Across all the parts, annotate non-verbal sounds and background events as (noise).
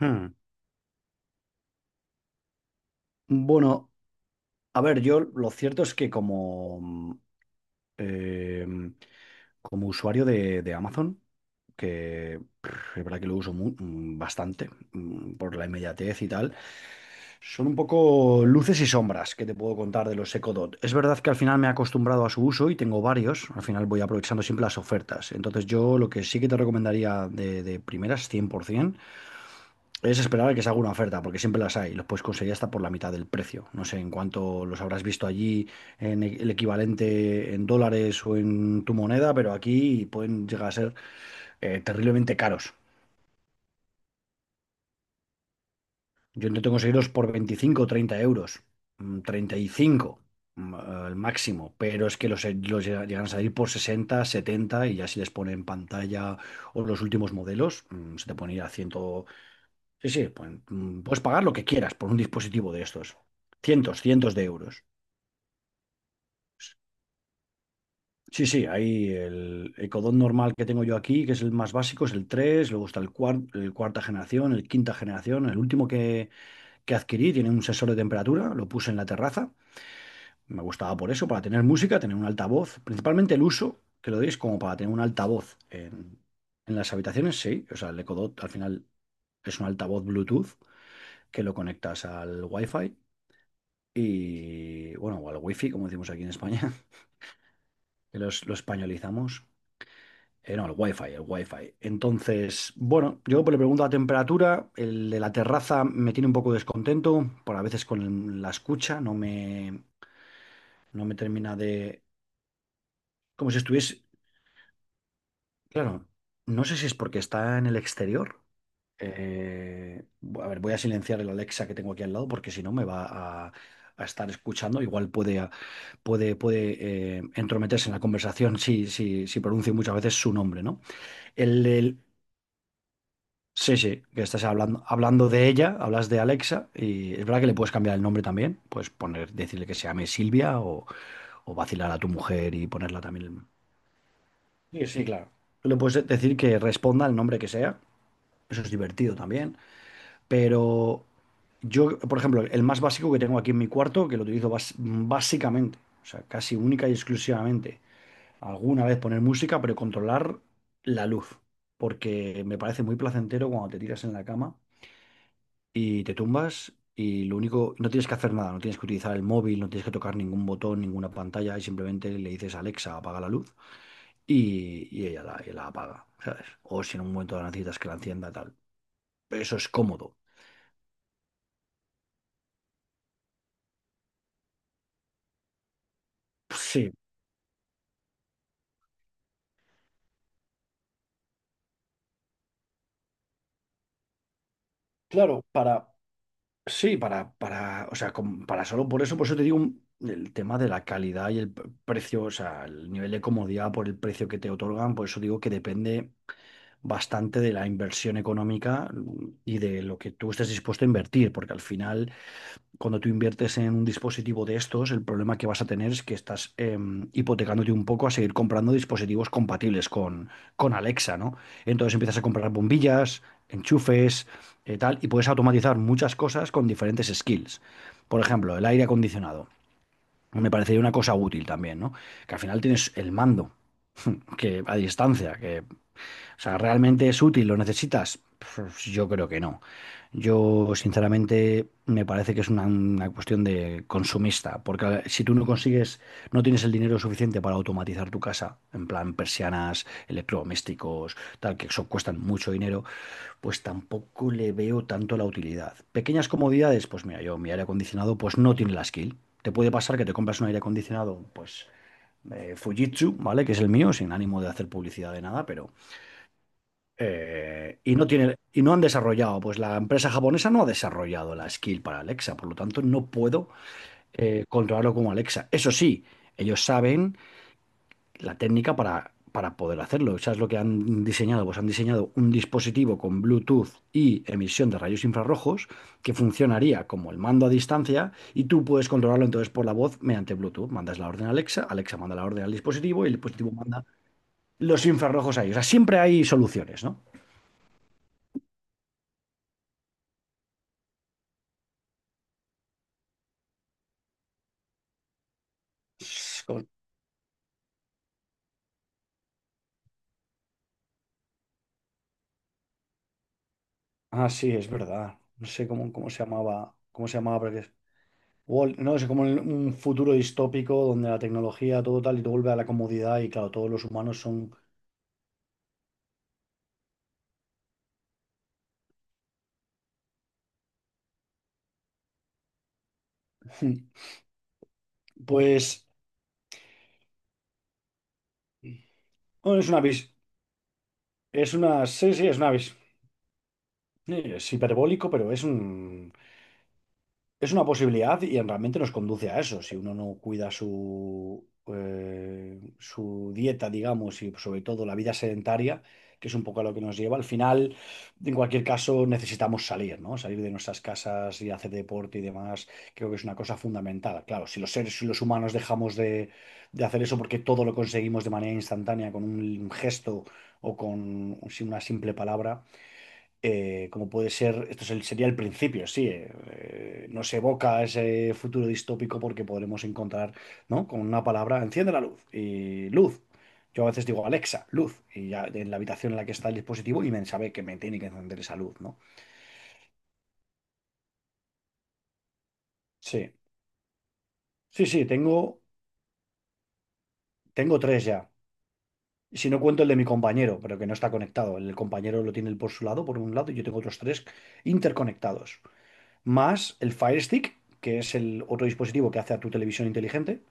Hmm. Bueno, a ver, yo lo cierto es que em, como usuario de Amazon, que es verdad que lo uso bastante por la inmediatez y tal, son un poco luces y sombras que te puedo contar de los EcoDot. Es verdad que al final me he acostumbrado a su uso y tengo varios, al final voy aprovechando siempre las ofertas. Entonces, yo lo que sí que te recomendaría de primeras, 100%. Es esperar a que se haga una oferta, porque siempre las hay. Los puedes conseguir hasta por la mitad del precio. No sé en cuánto los habrás visto allí, el equivalente en dólares o en tu moneda, pero aquí pueden llegar a ser terriblemente caros. Yo intento conseguirlos por 25 o 30 euros, 35 al máximo, pero es que los llegan a salir por 60, 70, y ya si les ponen pantalla o los últimos modelos, se te ponen a 100. Sí, sí, pues, puedes pagar lo que quieras por un dispositivo de estos. Cientos, cientos de euros. Sí, sí, ahí el Ecodot normal que tengo yo aquí, que es el más básico, es el tres. Luego está el, el cuarta generación, el quinta generación, el último que adquirí tiene un sensor de temperatura. Lo puse en la terraza, me gustaba por eso, para tener música, tener un altavoz, principalmente el uso que lo deis, como para tener un altavoz en las habitaciones, sí. O sea, el Ecodot, al final, es un altavoz Bluetooth que lo conectas al Wi-Fi. Y bueno, o al wifi, como decimos aquí en España, (laughs) que lo españolizamos. No, el wifi, el wifi. Entonces, bueno, yo pues le pregunto la temperatura. El de la terraza me tiene un poco descontento, por a veces con la escucha, no me termina de... Como si estuviese. Claro, no sé si es porque está en el exterior. Eh, a ver, voy a silenciar el Alexa que tengo aquí al lado, porque si no me va a, a estar escuchando, igual puede entrometerse en la conversación, si, si pronuncio muchas veces su nombre, ¿no? El Sese, que estás hablando, de ella, hablas de Alexa, y es verdad que le puedes cambiar el nombre también. Puedes poner, decirle que se llame Silvia, o vacilar a tu mujer y ponerla también. Sí, sí, claro. Tú le puedes decir que responda el nombre que sea, eso es divertido también. Pero yo, por ejemplo, el más básico que tengo aquí en mi cuarto, que lo utilizo básicamente, o sea, casi única y exclusivamente, alguna vez poner música, pero controlar la luz, porque me parece muy placentero cuando te tiras en la cama y te tumbas, y lo único, no tienes que hacer nada, no tienes que utilizar el móvil, no tienes que tocar ningún botón, ninguna pantalla, y simplemente le dices a Alexa: apaga la luz. Y la apaga, ¿sabes? O si en un momento la necesitas, que la encienda, tal. Eso es cómodo. Sí, claro, para... Sí, para, o sea, para solo por eso te digo, el tema de la calidad y el precio. O sea, el nivel de comodidad por el precio que te otorgan. Por eso digo que depende bastante de la inversión económica y de lo que tú estés dispuesto a invertir, porque al final, cuando tú inviertes en un dispositivo de estos, el problema que vas a tener es que estás hipotecándote un poco a seguir comprando dispositivos compatibles con Alexa, ¿no? Entonces empiezas a comprar bombillas, enchufes, tal, y puedes automatizar muchas cosas con diferentes skills. Por ejemplo, el aire acondicionado. Me parecería una cosa útil también, ¿no? Que al final tienes el mando que, a distancia, que, o sea, ¿realmente es útil? ¿Lo necesitas? Pues yo creo que no. Yo, sinceramente, me parece que es una cuestión de consumista, porque si tú no consigues, no tienes el dinero suficiente para automatizar tu casa, en plan persianas, electrodomésticos, tal, que eso cuestan mucho dinero, pues tampoco le veo tanto la utilidad. Pequeñas comodidades, pues mira, yo, mi aire acondicionado, pues no tiene la skill. Te puede pasar que te compras un aire acondicionado, pues Fujitsu, ¿vale? Que es el mío, sin ánimo de hacer publicidad de nada. Pero y no tiene, y no han desarrollado, pues la empresa japonesa no ha desarrollado la skill para Alexa, por lo tanto no puedo controlarlo como Alexa. Eso sí, ellos saben la técnica para poder hacerlo. ¿Sabes lo que han diseñado? Pues han diseñado un dispositivo con Bluetooth y emisión de rayos infrarrojos que funcionaría como el mando a distancia, y tú puedes controlarlo entonces por la voz mediante Bluetooth. Mandas la orden a Alexa, Alexa manda la orden al dispositivo, y el dispositivo manda los infrarrojos a ellos. O sea, siempre hay soluciones, ¿no? Ah, sí, es verdad. No sé cómo se llamaba, pero. No, es como un futuro distópico donde la tecnología, todo tal, y todo vuelve a la comodidad y, claro, todos los humanos son. (laughs) Pues. Bueno, es una vis. Es una. Sí, sí, es una vis. Sí, es hiperbólico, pero es un. Es una posibilidad, y realmente nos conduce a eso. Si uno no cuida su dieta, digamos, y sobre todo la vida sedentaria, que es un poco a lo que nos lleva, al final, en cualquier caso, necesitamos salir, ¿no? Salir de nuestras casas y hacer deporte y demás. Creo que es una cosa fundamental. Claro, si los seres, si los humanos dejamos de hacer eso porque todo lo conseguimos de manera instantánea, con un gesto o con sin una simple palabra, como puede ser, sería el principio, sí, nos evoca ese futuro distópico, porque podremos encontrar, ¿no? Con una palabra, enciende la luz, y luz. Yo a veces digo: Alexa, luz. Y ya, en la habitación en la que está el dispositivo, y me sabe que me tiene que encender esa luz, ¿no? Sí, sí, sí, tengo tres ya. Y si no cuento el de mi compañero, pero que no está conectado, el compañero lo tiene él por su lado, por un lado, y yo tengo otros tres interconectados. Más el Fire Stick, que es el otro dispositivo que hace a tu televisión inteligente,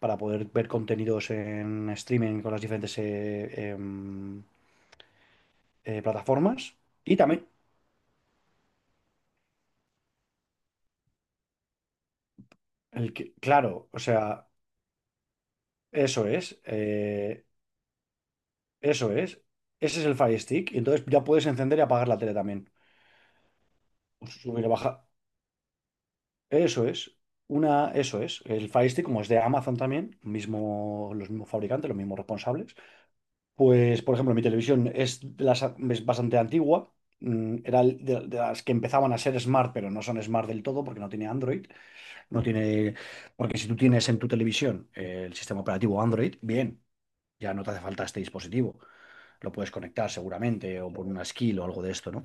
para poder ver contenidos en streaming con las diferentes plataformas. Y también, el que, claro, o sea, eso es, eh, eso es, ese es el Fire Stick, y entonces ya puedes encender y apagar la tele también. Subir y bajar. Eso es. Una, eso es. El Fire Stick, como es de Amazon también, mismo, los mismos fabricantes, los mismos responsables. Pues, por ejemplo, mi televisión es bastante antigua. Era de las que empezaban a ser smart, pero no son smart del todo porque no tiene Android. No tiene, porque si tú tienes en tu televisión el sistema operativo Android, bien, ya no te hace falta este dispositivo, lo puedes conectar seguramente o por una skill o algo de esto, ¿no?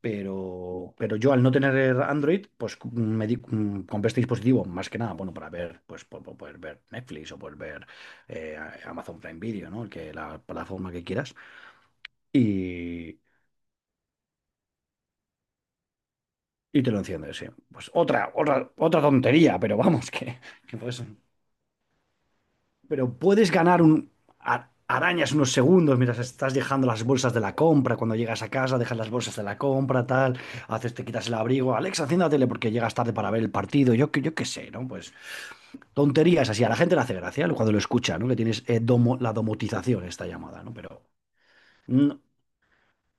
Pero yo, al no tener Android, pues compré este dispositivo más que nada, bueno, para ver, pues poder ver Netflix o poder ver eh, Amazon Prime Video, ¿no? El Que, la plataforma que quieras. Y, y te lo enciendes, sí. Pues otra, otra tontería, pero vamos, (laughs) que pues pero puedes ganar un a- arañas unos segundos mientras estás dejando las bolsas de la compra. Cuando llegas a casa, dejas las bolsas de la compra, tal, haces, te quitas el abrigo. Alexa, enciende la tele porque llegas tarde para ver el partido. Yo, yo qué sé, ¿no? Pues tonterías así. A la gente le hace gracia cuando lo escucha, ¿no? Que tienes, la domotización, esta llamada, ¿no? Pero mm,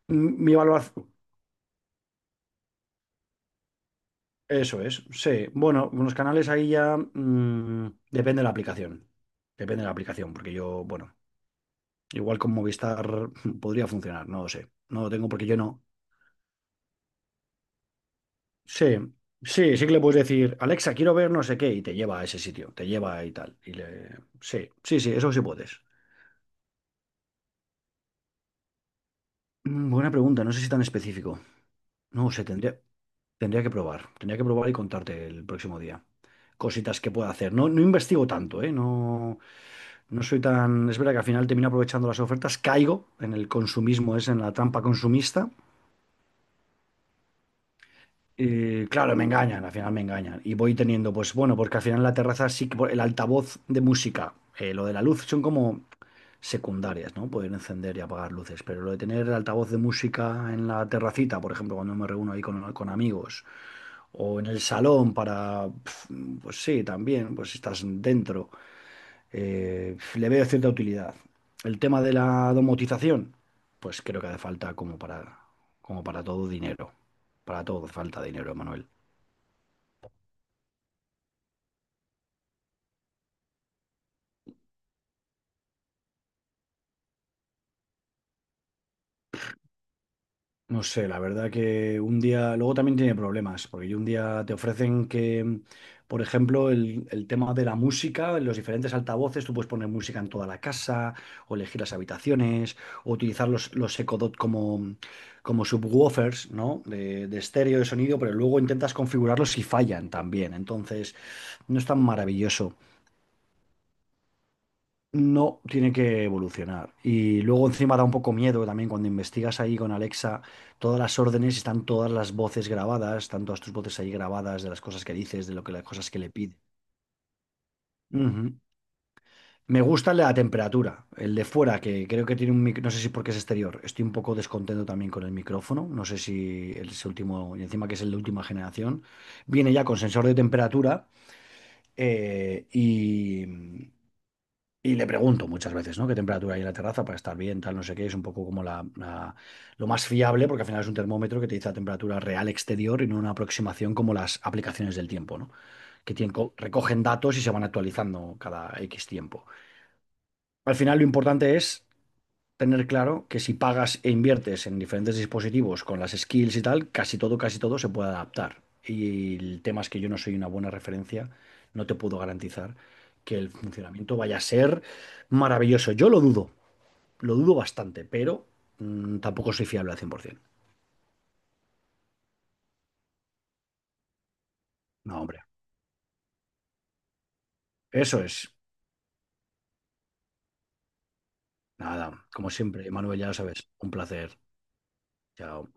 mi valoración. Eso es, sí. Bueno, unos canales ahí ya, depende de la aplicación. Depende de la aplicación, porque yo, bueno, igual con Movistar podría funcionar, no lo sé. No lo tengo, porque yo no. Sí, sí, sí que le puedes decir: Alexa, quiero ver no sé qué, y te lleva a ese sitio, te lleva y tal. Y le... Sí, sí, sí, eso sí puedes. Buena pregunta, no sé si tan específico. No lo sé, tendría que probar. Tendría que probar y contarte el próximo día. Cositas que pueda hacer. No, no investigo tanto, ¿eh? No, no soy tan. Es verdad que al final termino aprovechando las ofertas, caigo en el consumismo, es en la trampa consumista. Y claro, me engañan, al final me engañan. Y voy teniendo, pues bueno, porque al final la terraza, sí que el altavoz de música, lo de la luz, son como secundarias, ¿no? Poder encender y apagar luces, pero lo de tener el altavoz de música en la terracita, por ejemplo, cuando me reúno ahí con amigos, o en el salón para, pues sí, también, pues estás dentro, le veo cierta utilidad. El tema de la domotización, pues creo que hace falta, como para, como para todo, dinero. Para todo hace falta dinero, Manuel. No sé, la verdad, que un día, luego también tiene problemas, porque un día te ofrecen que, por ejemplo, el tema de la música, en los diferentes altavoces, tú puedes poner música en toda la casa, o elegir las habitaciones, o utilizar los Echo Dot como, como subwoofers, ¿no? De estéreo, de sonido, pero luego intentas configurarlos y fallan también, entonces no es tan maravilloso. No, tiene que evolucionar. Y luego, encima, da un poco miedo también, cuando investigas ahí con Alexa todas las órdenes, están todas las voces grabadas, están todas tus voces ahí grabadas de las cosas que dices, de lo que, las cosas que le pides. Ujú. Me gusta el de la temperatura, el de fuera, que creo que tiene un no sé si porque es exterior. Estoy un poco descontento también con el micrófono, no sé si el es último, y encima que es el de última generación. Viene ya con sensor de temperatura. Eh, y, Y le pregunto muchas veces, ¿no? ¿Qué temperatura hay en la terraza para estar bien, tal, no sé qué? Es un poco como, la, lo más fiable, porque al final es un termómetro que te dice la temperatura real exterior y no una aproximación como las aplicaciones del tiempo, ¿no? Que tienen, recogen datos y se van actualizando cada X tiempo. Al final, lo importante es tener claro que si pagas e inviertes en diferentes dispositivos con las skills y tal, casi todo se puede adaptar. Y el tema es que yo no soy una buena referencia, no te puedo garantizar que el funcionamiento vaya a ser maravilloso. Yo lo dudo bastante, pero tampoco soy fiable al 100%. No, hombre, eso es. Nada, como siempre, Manuel, ya lo sabes, un placer. Chao.